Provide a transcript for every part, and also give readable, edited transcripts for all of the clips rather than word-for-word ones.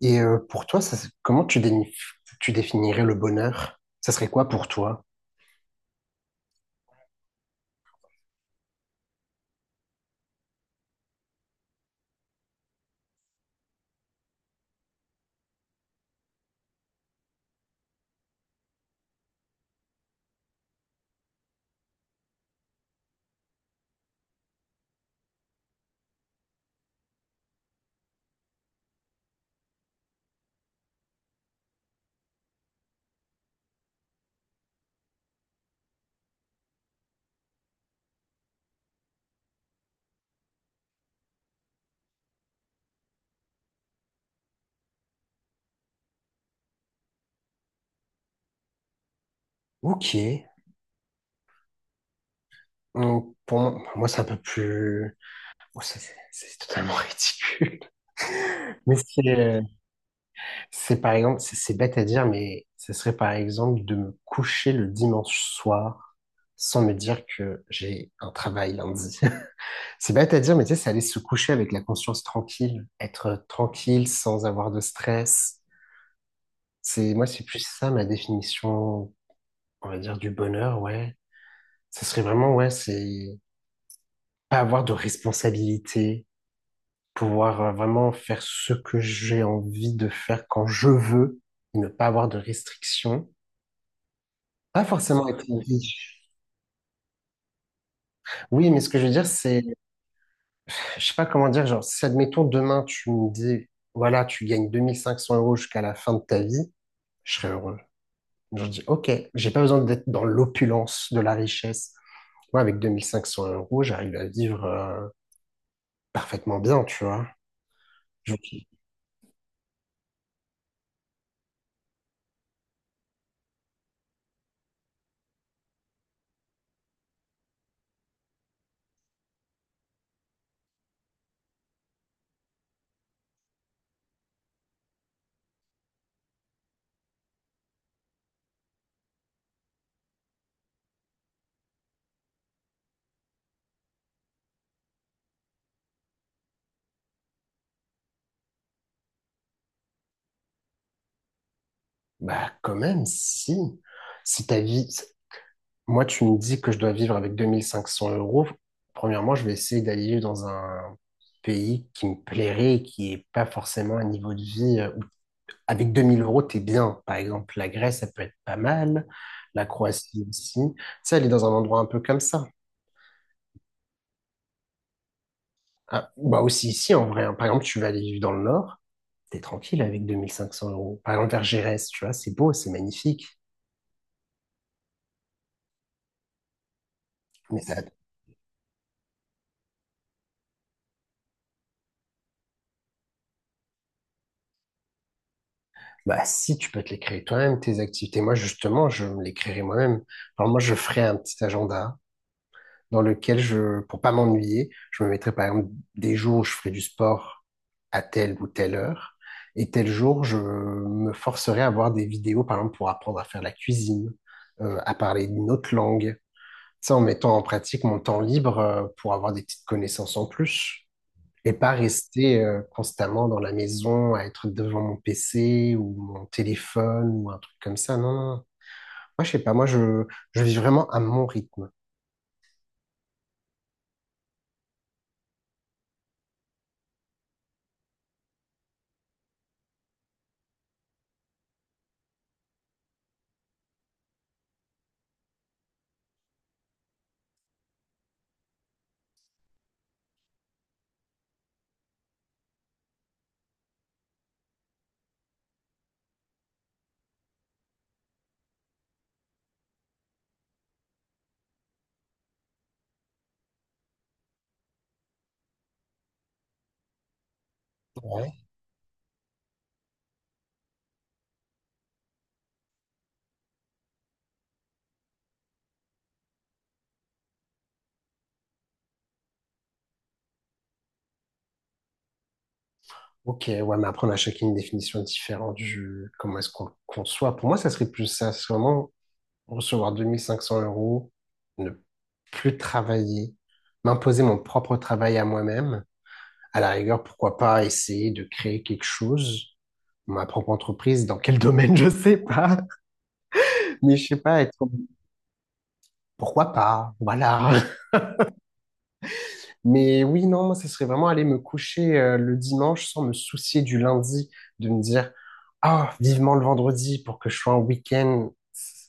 Pour toi, ça, comment tu définirais le bonheur? Ça serait quoi pour toi? Ok. Moi, c'est un peu plus... bon, c'est totalement ridicule. Mais c'est par exemple, c'est bête à dire, mais ce serait par exemple de me coucher le dimanche soir sans me dire que j'ai un travail lundi. C'est bête à dire, mais tu sais, c'est aller se coucher avec la conscience tranquille, être tranquille sans avoir de stress. C'est, moi, c'est plus ça ma définition, on va dire, du bonheur, ouais. Ça serait vraiment, ouais, c'est pas avoir de responsabilité, pouvoir vraiment faire ce que j'ai envie de faire quand je veux, ne pas avoir de restrictions. Pas forcément être riche. Oui, mais ce que je veux dire, c'est, je sais pas comment dire, genre, si admettons demain tu me dis, voilà, tu gagnes 2500 euros jusqu'à la fin de ta vie, je serais heureux. Je dis, ok, j'ai pas besoin d'être dans l'opulence de la richesse. Moi, avec 2500 euros, j'arrive à vivre parfaitement bien, tu vois. Bah, quand même, si. Si ta vie... si, moi, tu me dis que je dois vivre avec 2500 euros. Premièrement, je vais essayer d'aller vivre dans un pays qui me plairait, et qui n'est pas forcément un niveau de vie, avec 2000 euros, t'es bien. Par exemple, la Grèce, ça peut être pas mal. La Croatie aussi. Tu sais, aller dans un endroit un peu comme ça. Ah, bah aussi ici, en vrai, hein. Par exemple, tu vas aller vivre dans le Nord, t'es tranquille avec 2500 euros. Par exemple, vers Gérès, tu vois, c'est beau, c'est magnifique. Mais ça. Bah, si tu peux te les créer toi-même, tes activités. Moi, justement, je me les créerai moi-même. Alors, moi, je ferai un petit agenda dans lequel je, pour pas m'ennuyer, je me mettrai par exemple des jours où je ferai du sport à telle ou telle heure. Et tel jour, je me forcerai à voir des vidéos, par exemple, pour apprendre à faire la cuisine, à parler une autre langue. Ça, en mettant en pratique mon temps libre, pour avoir des petites connaissances en plus et pas rester constamment dans la maison à être devant mon PC ou mon téléphone ou un truc comme ça. Non, non, non. Moi, je sais pas. Je vis vraiment à mon rythme. Ouais. Ok, ouais, mais après, on a chacune une définition différente du comment est-ce qu'on le conçoit. Pour moi, ça serait plus ça. C'est vraiment recevoir 2500 euros, ne plus travailler, m'imposer mon propre travail à moi-même. À la rigueur, pourquoi pas essayer de créer quelque chose, ma propre entreprise, dans quel domaine, je sais pas. Mais je sais pas, être comme, pourquoi pas, voilà. Mais oui, non, moi, ce serait vraiment aller me coucher le dimanche sans me soucier du lundi, de me dire, ah, vivement le vendredi pour que je sois en week-end.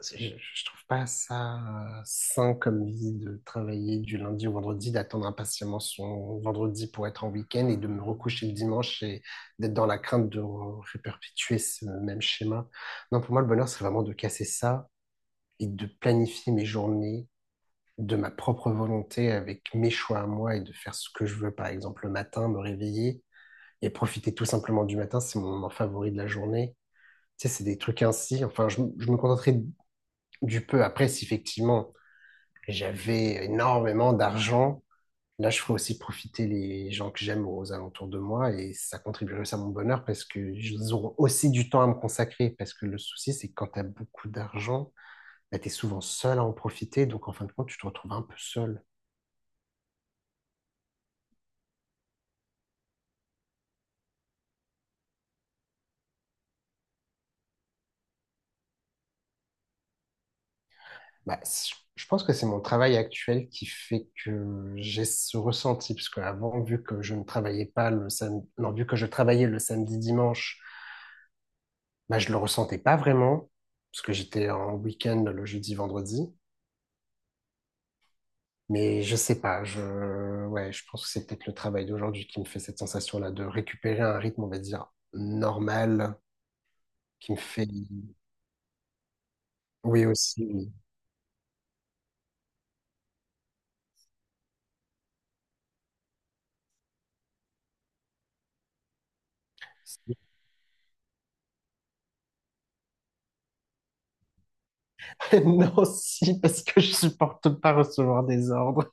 Je trouve pas ça sain comme vie de travailler du lundi au vendredi, d'attendre impatiemment son vendredi pour être en week-end et de me recoucher le dimanche et d'être dans la crainte de réperpétuer ce même schéma. Non, pour moi, le bonheur, c'est vraiment de casser ça et de planifier mes journées de ma propre volonté, avec mes choix à moi et de faire ce que je veux, par exemple le matin, me réveiller et profiter tout simplement du matin, c'est mon moment favori de la journée. Tu sais, c'est des trucs ainsi. Enfin, je me contenterai du peu. Après, si effectivement j'avais énormément d'argent, là, je ferais aussi profiter les gens que j'aime aux alentours de moi et ça contribuerait aussi à mon bonheur parce que ils auront aussi du temps à me consacrer. Parce que le souci, c'est que quand tu as beaucoup d'argent, bah, tu es souvent seul à en profiter. Donc, en fin de compte, tu te retrouves un peu seul. Bah, je pense que c'est mon travail actuel qui fait que j'ai ce ressenti, parce qu'avant, vu que je ne travaillais pas le samedi, non, vu que je travaillais le samedi, dimanche, bah, je le ressentais pas vraiment, parce que j'étais en week-end le jeudi, vendredi. Mais je sais pas, ouais, je pense que c'est peut-être le travail d'aujourd'hui qui me fait cette sensation-là de récupérer un rythme, on va dire, normal, qui me fait, oui aussi, oui. Non, si, parce que je supporte pas recevoir des ordres.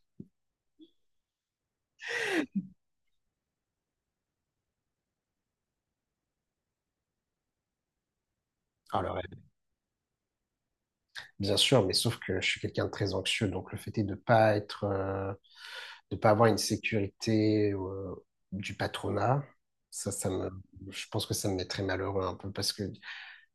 Alors, bien sûr, mais sauf que je suis quelqu'un de très anxieux, donc le fait est de pas être, de pas avoir une sécurité du patronat, ça, ça me, je pense que ça me mettrait malheureux un peu parce que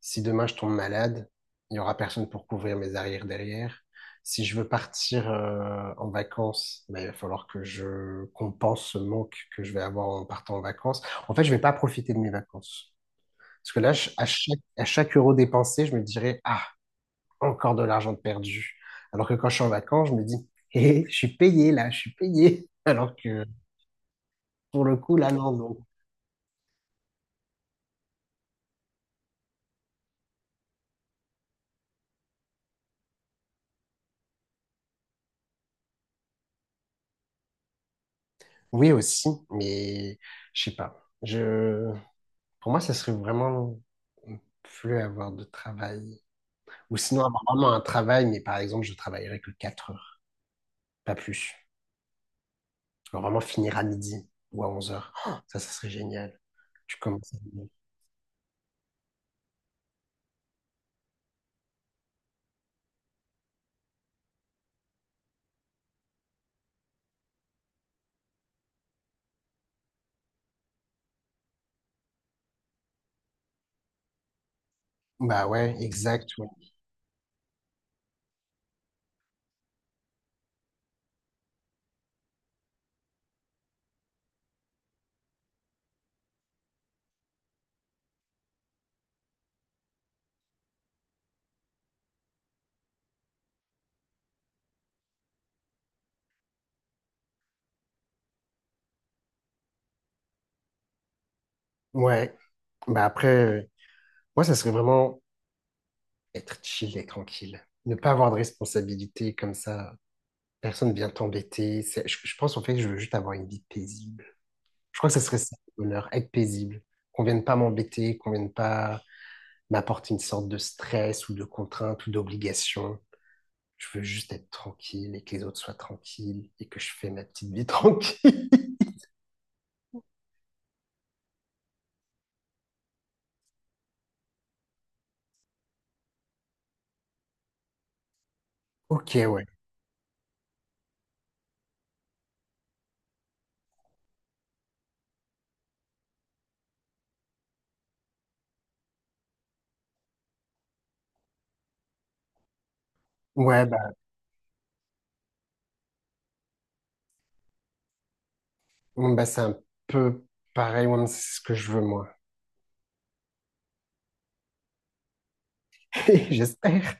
si demain je tombe malade, il y aura personne pour couvrir mes arrières derrière. Si je veux partir en vacances, ben, il va falloir que je compense ce manque que je vais avoir en partant en vacances. En fait, je vais pas profiter de mes vacances. Parce que là, à chaque euro dépensé, je me dirais, ah, encore de l'argent de perdu. Alors que quand je suis en vacances, je me dis, hé, je suis payé là, je suis payé. Alors que pour le coup, là, non, non. Oui, aussi, mais je sais pas. Je... pour moi, ça serait vraiment plus avoir de travail. Ou sinon, avoir vraiment un travail, mais par exemple, je travaillerais que 4 heures, pas plus. Genre vraiment finir à midi ou à 11 heures. Oh, ça serait génial. Tu commences à... Bah ouais, exact. Ouais. Ouais. Bah après, moi, ça serait vraiment être chill et tranquille. Ne pas avoir de responsabilité comme ça. Personne vient t'embêter. Je pense en fait que je veux juste avoir une vie paisible. Je crois que ce serait ça le bonheur, être paisible. Qu'on vienne pas m'embêter, qu'on vienne pas m'apporter une sorte de stress ou de contrainte ou d'obligation. Je veux juste être tranquille et que les autres soient tranquilles et que je fais ma petite vie tranquille. Ok, ouais. Ouais, bah, bon, bah c'est un peu pareil, ouais, mais c'est ce que je veux moi. J'espère.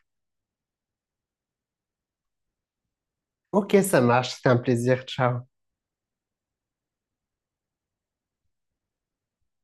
Ok, ça marche. C'était un plaisir. Ciao.